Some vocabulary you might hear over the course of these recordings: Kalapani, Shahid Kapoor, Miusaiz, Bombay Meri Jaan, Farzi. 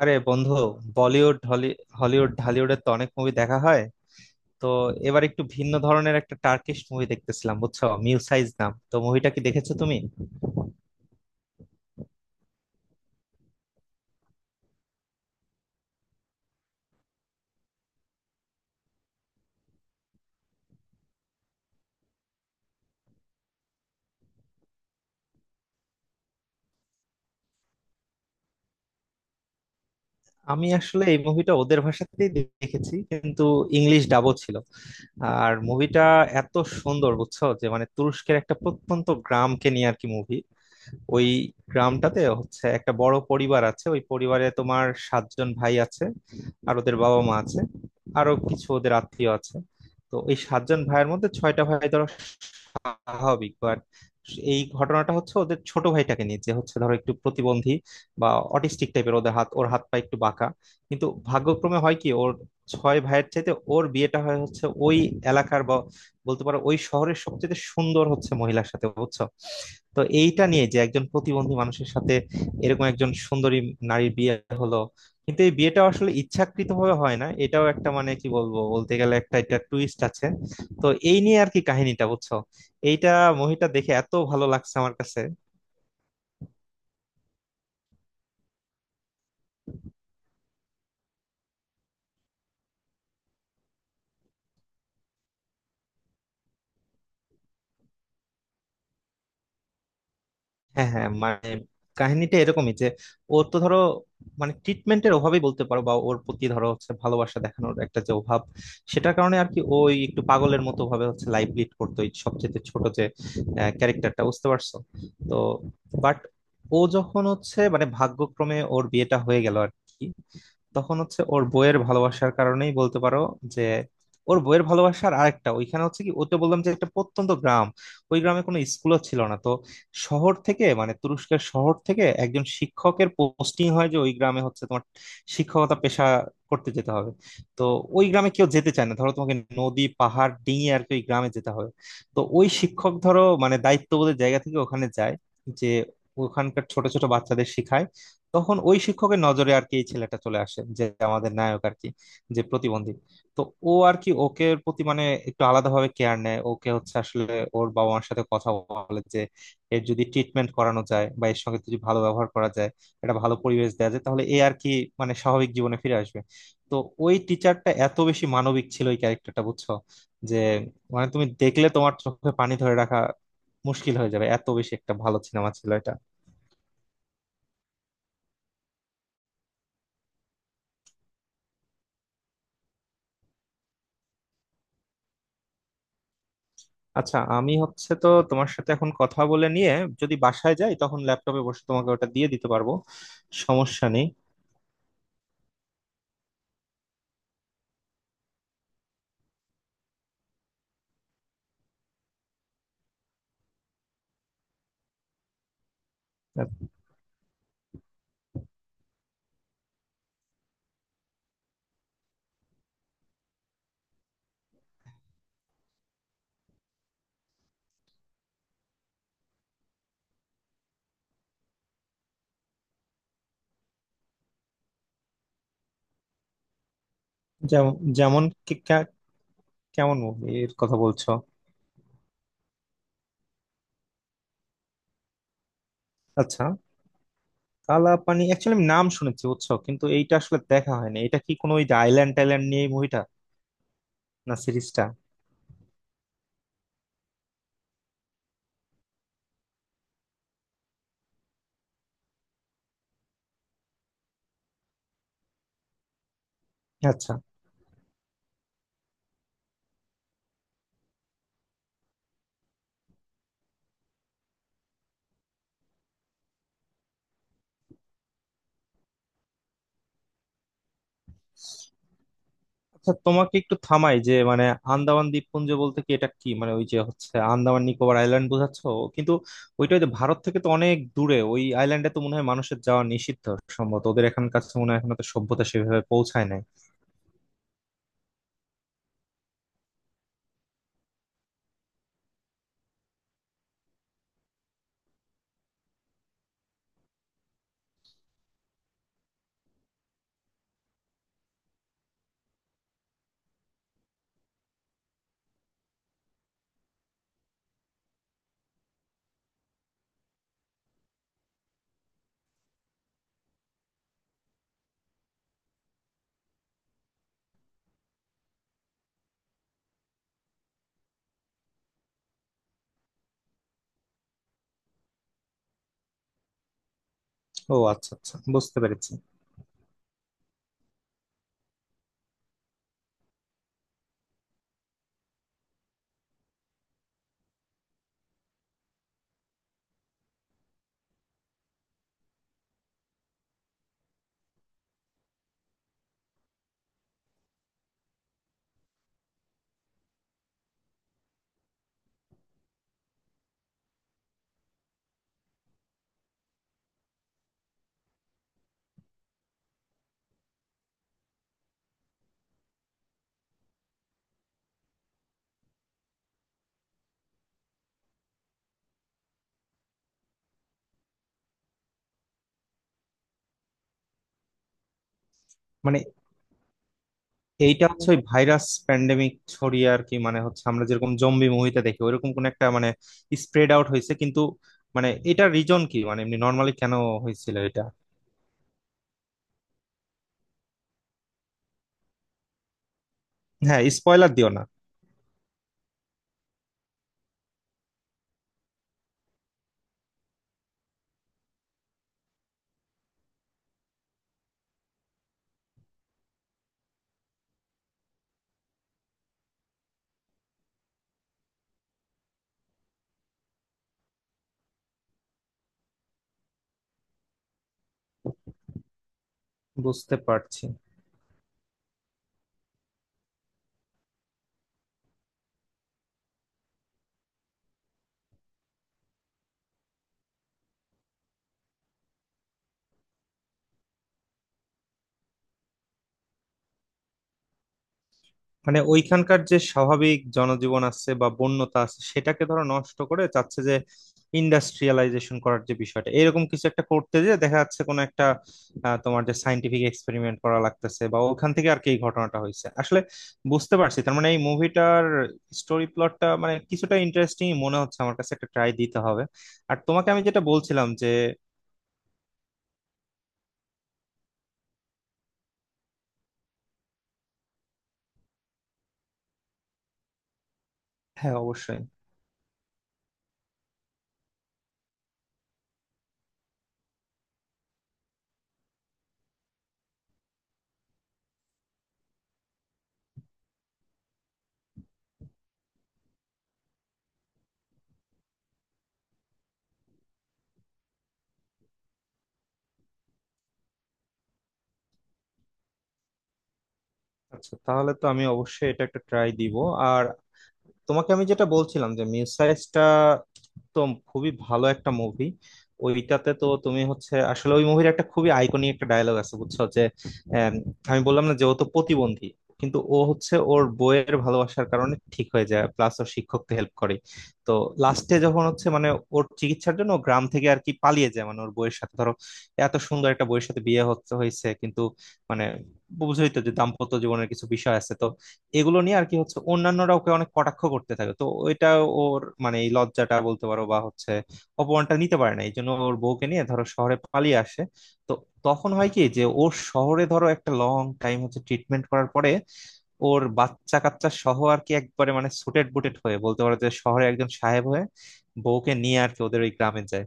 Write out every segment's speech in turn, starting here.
আরে বন্ধু, বলিউড হলিউড ঢালিউডের তো অনেক মুভি দেখা হয়। তো এবার একটু ভিন্ন ধরনের একটা টার্কিশ মুভি দেখতেছিলাম, বুঝছো, মিউসাইজ নাম। তো মুভিটা কি দেখেছো তুমি? আমি আসলে এই মুভিটা ওদের ভাষাতেই দেখেছি, কিন্তু ইংলিশ ডাবও ছিল। আর মুভিটা এত সুন্দর, বুঝছো, যে মানে তুরস্কের একটা প্রত্যন্ত গ্রামকে নিয়ে আর কি মুভি। ওই গ্রামটাতে হচ্ছে একটা বড় পরিবার আছে, ওই পরিবারে তোমার সাতজন ভাই আছে, আর ওদের বাবা মা আছে, আরো কিছু ওদের আত্মীয় আছে। তো এই সাতজন ভাইয়ের মধ্যে ছয়টা ভাই ধরো স্বাভাবিক, বাট এই ঘটনাটা হচ্ছে ওদের ছোট ভাইটাকে নিয়ে, যে হচ্ছে ধরো একটু প্রতিবন্ধী বা অটিস্টিক টাইপের, ওদের হাত ওর হাত পা একটু বাঁকা। কিন্তু ভাগ্যক্রমে হয় কি, ওর ছয় ভাইয়ের চাইতে ওর বিয়েটা হয় হচ্ছে ওই এলাকার বা বলতে পারো ওই শহরের সবচেয়ে সুন্দর হচ্ছে মহিলার সাথে, বুঝছো। তো এইটা নিয়ে যে একজন প্রতিবন্ধী মানুষের সাথে এরকম একজন সুন্দরী নারীর বিয়ে হলো, কিন্তু এই বিয়েটা আসলে ইচ্ছাকৃতভাবে হয় না, এটাও একটা, মানে কি বলবো, বলতে গেলে একটা এটা টুইস্ট আছে। তো এই নিয়ে আর কি কাহিনীটা বুঝছো। এইটা মুভিটা দেখে এত ভালো লাগছে আমার কাছে। হ্যাঁ হ্যাঁ, মানে কাহিনীটা এরকমই যে ওর তো ধরো মানে ট্রিটমেন্টের অভাবই বলতে পারো, বা ওর প্রতি ধরো হচ্ছে ভালোবাসা দেখানোর একটা যে অভাব, সেটার কারণে আর কি ওই একটু পাগলের মতো ভাবে হচ্ছে লাইফ লিড করতো ওই সবচেয়ে ছোট যে ক্যারেক্টারটা, বুঝতে পারছো। তো বাট ও যখন হচ্ছে মানে ভাগ্যক্রমে ওর বিয়েটা হয়ে গেল আর কি, তখন হচ্ছে ওর বইয়ের ভালোবাসার কারণেই বলতে পারো যে ওর বইয়ের ভালোবাসার আরেকটা ওইখানে হচ্ছে কি, ওতে বললাম যে একটা প্রত্যন্ত গ্রাম, ওই গ্রামে কোনো স্কুলও ছিল না। তো শহর থেকে মানে তুরস্কের শহর থেকে একজন শিক্ষকের পোস্টিং হয় যে ওই গ্রামে হচ্ছে তোমার শিক্ষকতা পেশা করতে যেতে হবে। তো ওই গ্রামে কেউ যেতে চায় না, ধরো তোমাকে নদী পাহাড় ডিঙিয়ে আর কি ওই গ্রামে যেতে হবে। তো ওই শিক্ষক ধরো মানে দায়িত্ববোধের জায়গা থেকে ওখানে যায়, যে ওখানকার ছোট ছোট বাচ্চাদের শেখায়। তখন ওই শিক্ষকের নজরে আর কি এই ছেলেটা চলে আসে, যে আমাদের নায়ক আর কি, যে প্রতিবন্ধী। তো ও আর কি ওকে প্রতি মানে একটু আলাদাভাবে কেয়ার নেয়, ওকে হচ্ছে আসলে ওর বাবা মার সাথে কথা বলে যে এর যদি ট্রিটমেন্ট করানো যায় বা এর সঙ্গে যদি ভালো ব্যবহার করা যায়, একটা ভালো পরিবেশ দেওয়া যায়, তাহলে এ আর কি মানে স্বাভাবিক জীবনে ফিরে আসবে। তো ওই টিচারটা এত বেশি মানবিক ছিল ওই ক্যারেক্টারটা, বুঝছো, যে মানে তুমি দেখলে তোমার চোখে পানি ধরে রাখা মুশকিল হয়ে যাবে, এত বেশি একটা ভালো সিনেমা ছিল এটা। আচ্ছা, আমি হচ্ছে তো তোমার সাথে এখন কথা বলে নিয়ে যদি বাসায় যাই, তখন ল্যাপটপে বসে তোমাকে ওটা দিয়ে দিতে পারবো। সমস্যা নেই। যেমন যেমন কেমন মুভির কথা বলছো? আচ্ছা, কালাপানি অ্যাকচুয়ালি আমি নাম শুনেছি, বুঝছো, কিন্তু এইটা আসলে দেখা হয়নি। এটা কি কোনো ওই আইল্যান্ড টাইল্যান্ড নিয়ে মুভিটা? না, সিরিজটা? আচ্ছা আচ্ছা, তোমাকে একটু থামাই যে মানে আন্দামান দ্বীপপুঞ্জ বলতে কি, এটা কি মানে ওই যে হচ্ছে আন্দামান নিকোবর আইল্যান্ড বোঝাচ্ছ? কিন্তু ওইটা ওই যে ভারত থেকে তো অনেক দূরে, ওই আইল্যান্ডে তো মনে হয় মানুষের যাওয়া নিষিদ্ধ সম্ভবত, ওদের এখানকার কাছে মনে হয় এখনো তো সভ্যতা সেভাবে পৌঁছায় নাই। ও আচ্ছা আচ্ছা, বুঝতে পেরেছি। মানে এইটা হচ্ছে ওই ভাইরাস প্যান্ডেমিক ছড়িয়ে আর কি, মানে হচ্ছে আমরা যেরকম জম্বি মুভিতে দেখি ওইরকম কোন একটা মানে স্প্রেড আউট হয়েছে, কিন্তু মানে এটা রিজন কি, মানে এমনি নর্মালি কেন হয়েছিল এটা? হ্যাঁ, স্পয়লার দিও না। বুঝতে পারছি, মানে ওইখানকার যে স্বাভাবিক জনজীবন আছে বা বন্যতা আছে সেটাকে ধরো নষ্ট করে চাচ্ছে যে ইন্ডাস্ট্রিয়ালাইজেশন করার যে বিষয়টা, এরকম কিছু একটা করতে যে দেখা যাচ্ছে কোনো একটা, তোমার যে সাইন্টিফিক এক্সপেরিমেন্ট করা লাগতেছে বা ওখান থেকে আর কি এই ঘটনাটা হয়েছে আসলে। বুঝতে পারছি, তার মানে এই মুভিটার স্টোরি প্লটটা মানে কিছুটা ইন্টারেস্টিং মনে হচ্ছে আমার কাছে, একটা ট্রাই দিতে হবে। আর তোমাকে আমি যেটা বলছিলাম যে হ্যাঁ অবশ্যই। আচ্ছা, তাহলে তো আমি অবশ্যই এটা একটা ট্রাই দিব। আর তোমাকে আমি যেটা বলছিলাম যে মিউসাইজটা তো খুবই ভালো একটা মুভি। ওইটাতে তো তুমি হচ্ছে আসলে ওই মুভির একটা খুবই আইকনিক একটা ডায়লগ আছে, বুঝছো, যে আম, আমি বললাম না যে ও তো প্রতিবন্ধী, কিন্তু ও হচ্ছে ওর বইয়ের ভালোবাসার কারণে ঠিক হয়ে যায় প্লাস ও শিক্ষককে হেল্প করে। তো লাস্টে যখন হচ্ছে মানে ওর চিকিৎসার জন্য ও গ্রাম থেকে আর কি পালিয়ে যায়, মানে ওর বইয়ের সাথে ধরো এত সুন্দর একটা বইয়ের সাথে বিয়ে হচ্ছে হয়েছে, কিন্তু মানে বুঝই তো যে দাম্পত্য জীবনের কিছু বিষয় আছে। তো এগুলো নিয়ে আর কি হচ্ছে অন্যান্যরা ওকে অনেক কটাক্ষ করতে থাকে। তো এটা ওর মানে এই লজ্জাটা বলতে পারো বা হচ্ছে অপমানটা নিতে পারে না, এই জন্য ওর বউকে নিয়ে ধরো শহরে পালিয়ে আসে। তো তখন হয় কি যে ওর শহরে ধরো একটা লং টাইম হচ্ছে ট্রিটমেন্ট করার পরে ওর বাচ্চা কাচ্চা সহ আর কি একবারে মানে সুটেড বুটেড হয়ে বলতে পারো যে শহরে একজন সাহেব হয়ে বউকে নিয়ে আর কি ওদের ওই গ্রামে যায়।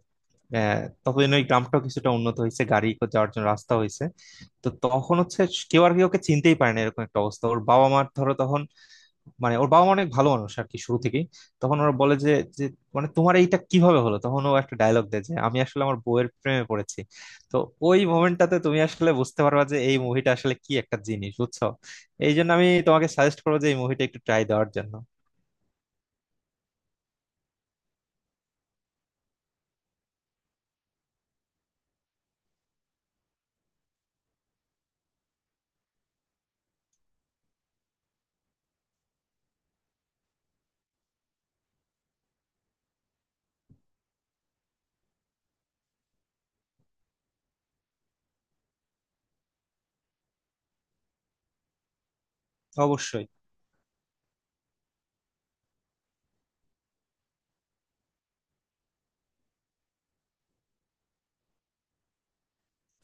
ততদিন ওই গ্রামটাও কিছুটা উন্নত হয়েছে, গাড়ি যাওয়ার জন্য রাস্তা হয়েছে। তো তখন হচ্ছে কেউ আর কি ওকে চিনতেই পারে না, এরকম একটা অবস্থা। ওর বাবা মার ধরো তখন, মানে ওর বাবা মা অনেক ভালো মানুষ আর কি শুরু থেকেই, তখন ওরা বলে যে, যে মানে তোমার এইটা কিভাবে হলো, তখন ও একটা ডায়লগ দেয় যে আমি আসলে আমার বউয়ের প্রেমে পড়েছি। তো ওই মোমেন্টটাতে তুমি আসলে বুঝতে পারবা যে এই মুভিটা আসলে কি একটা জিনিস, বুঝছো। এই জন্য আমি তোমাকে সাজেস্ট করবো যে এই মুভিটা একটু ট্রাই দেওয়ার জন্য। অবশ্যই।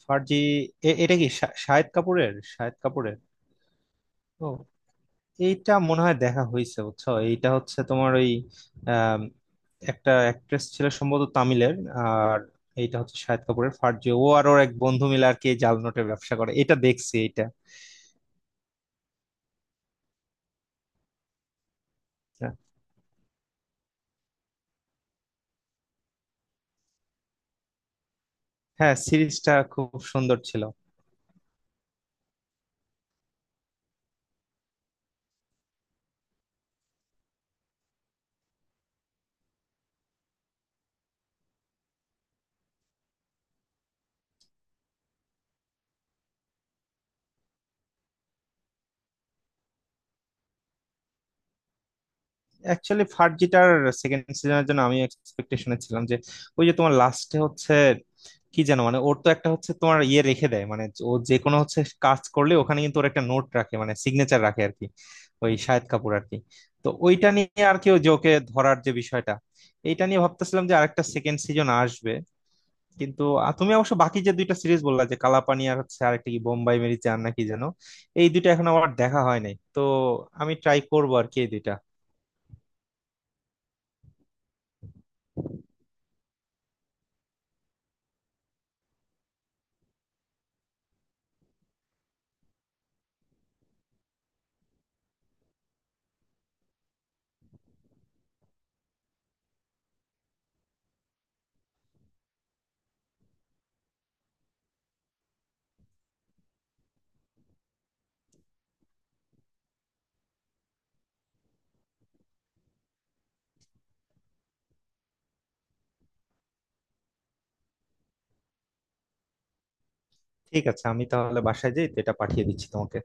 ফার্জি? এটা কি শাহিদ কাপুরের? এইটা মনে হয় দেখা হয়েছে, বুঝছো, এইটা হচ্ছে তোমার ওই আম, একটা অ্যাক্ট্রেস ছিল সম্ভবত তামিলের। আর এইটা হচ্ছে শাহিদ কাপুরের ফার্জি, ও আর ওর এক বন্ধু মিলে আর কি এই জাল নোটের ব্যবসা করে। এটা দেখছি এটা। হ্যাঁ সিরিজটা খুব সুন্দর ছিল। অ্যাকচুয়ালি ফার্জিটার সেকেন্ড সিজনের জন্য আমি এক্সপেকটেশনে ছিলাম যে ওই যে তোমার লাস্টে হচ্ছে কি যেন, মানে ওর তো একটা হচ্ছে তোমার ইয়ে রেখে দেয়, মানে ও যে কোনো হচ্ছে কাজ করলে ওখানে কিন্তু ওর একটা নোট রাখে, মানে সিগনেচার রাখে আর কি, ওই শাহিদ কাপুর আর কি। তো ওইটা নিয়ে আর কি ওই যে ওকে ধরার যে বিষয়টা, এইটা নিয়ে ভাবতেছিলাম যে আরেকটা সেকেন্ড সিজন আসবে। কিন্তু তুমি অবশ্য বাকি যে দুইটা সিরিজ বললা যে কালাপানি আর হচ্ছে আরেকটা কি বোম্বাই মেরি জান নাকি যেন, এই দুইটা এখন আমার দেখা হয় নাই। তো আমি ট্রাই করবো আর কি এই দুইটা। ঠিক আছে, আমি তাহলে বাসায় যাই, তো এটা পাঠিয়ে দিচ্ছি তোমাকে।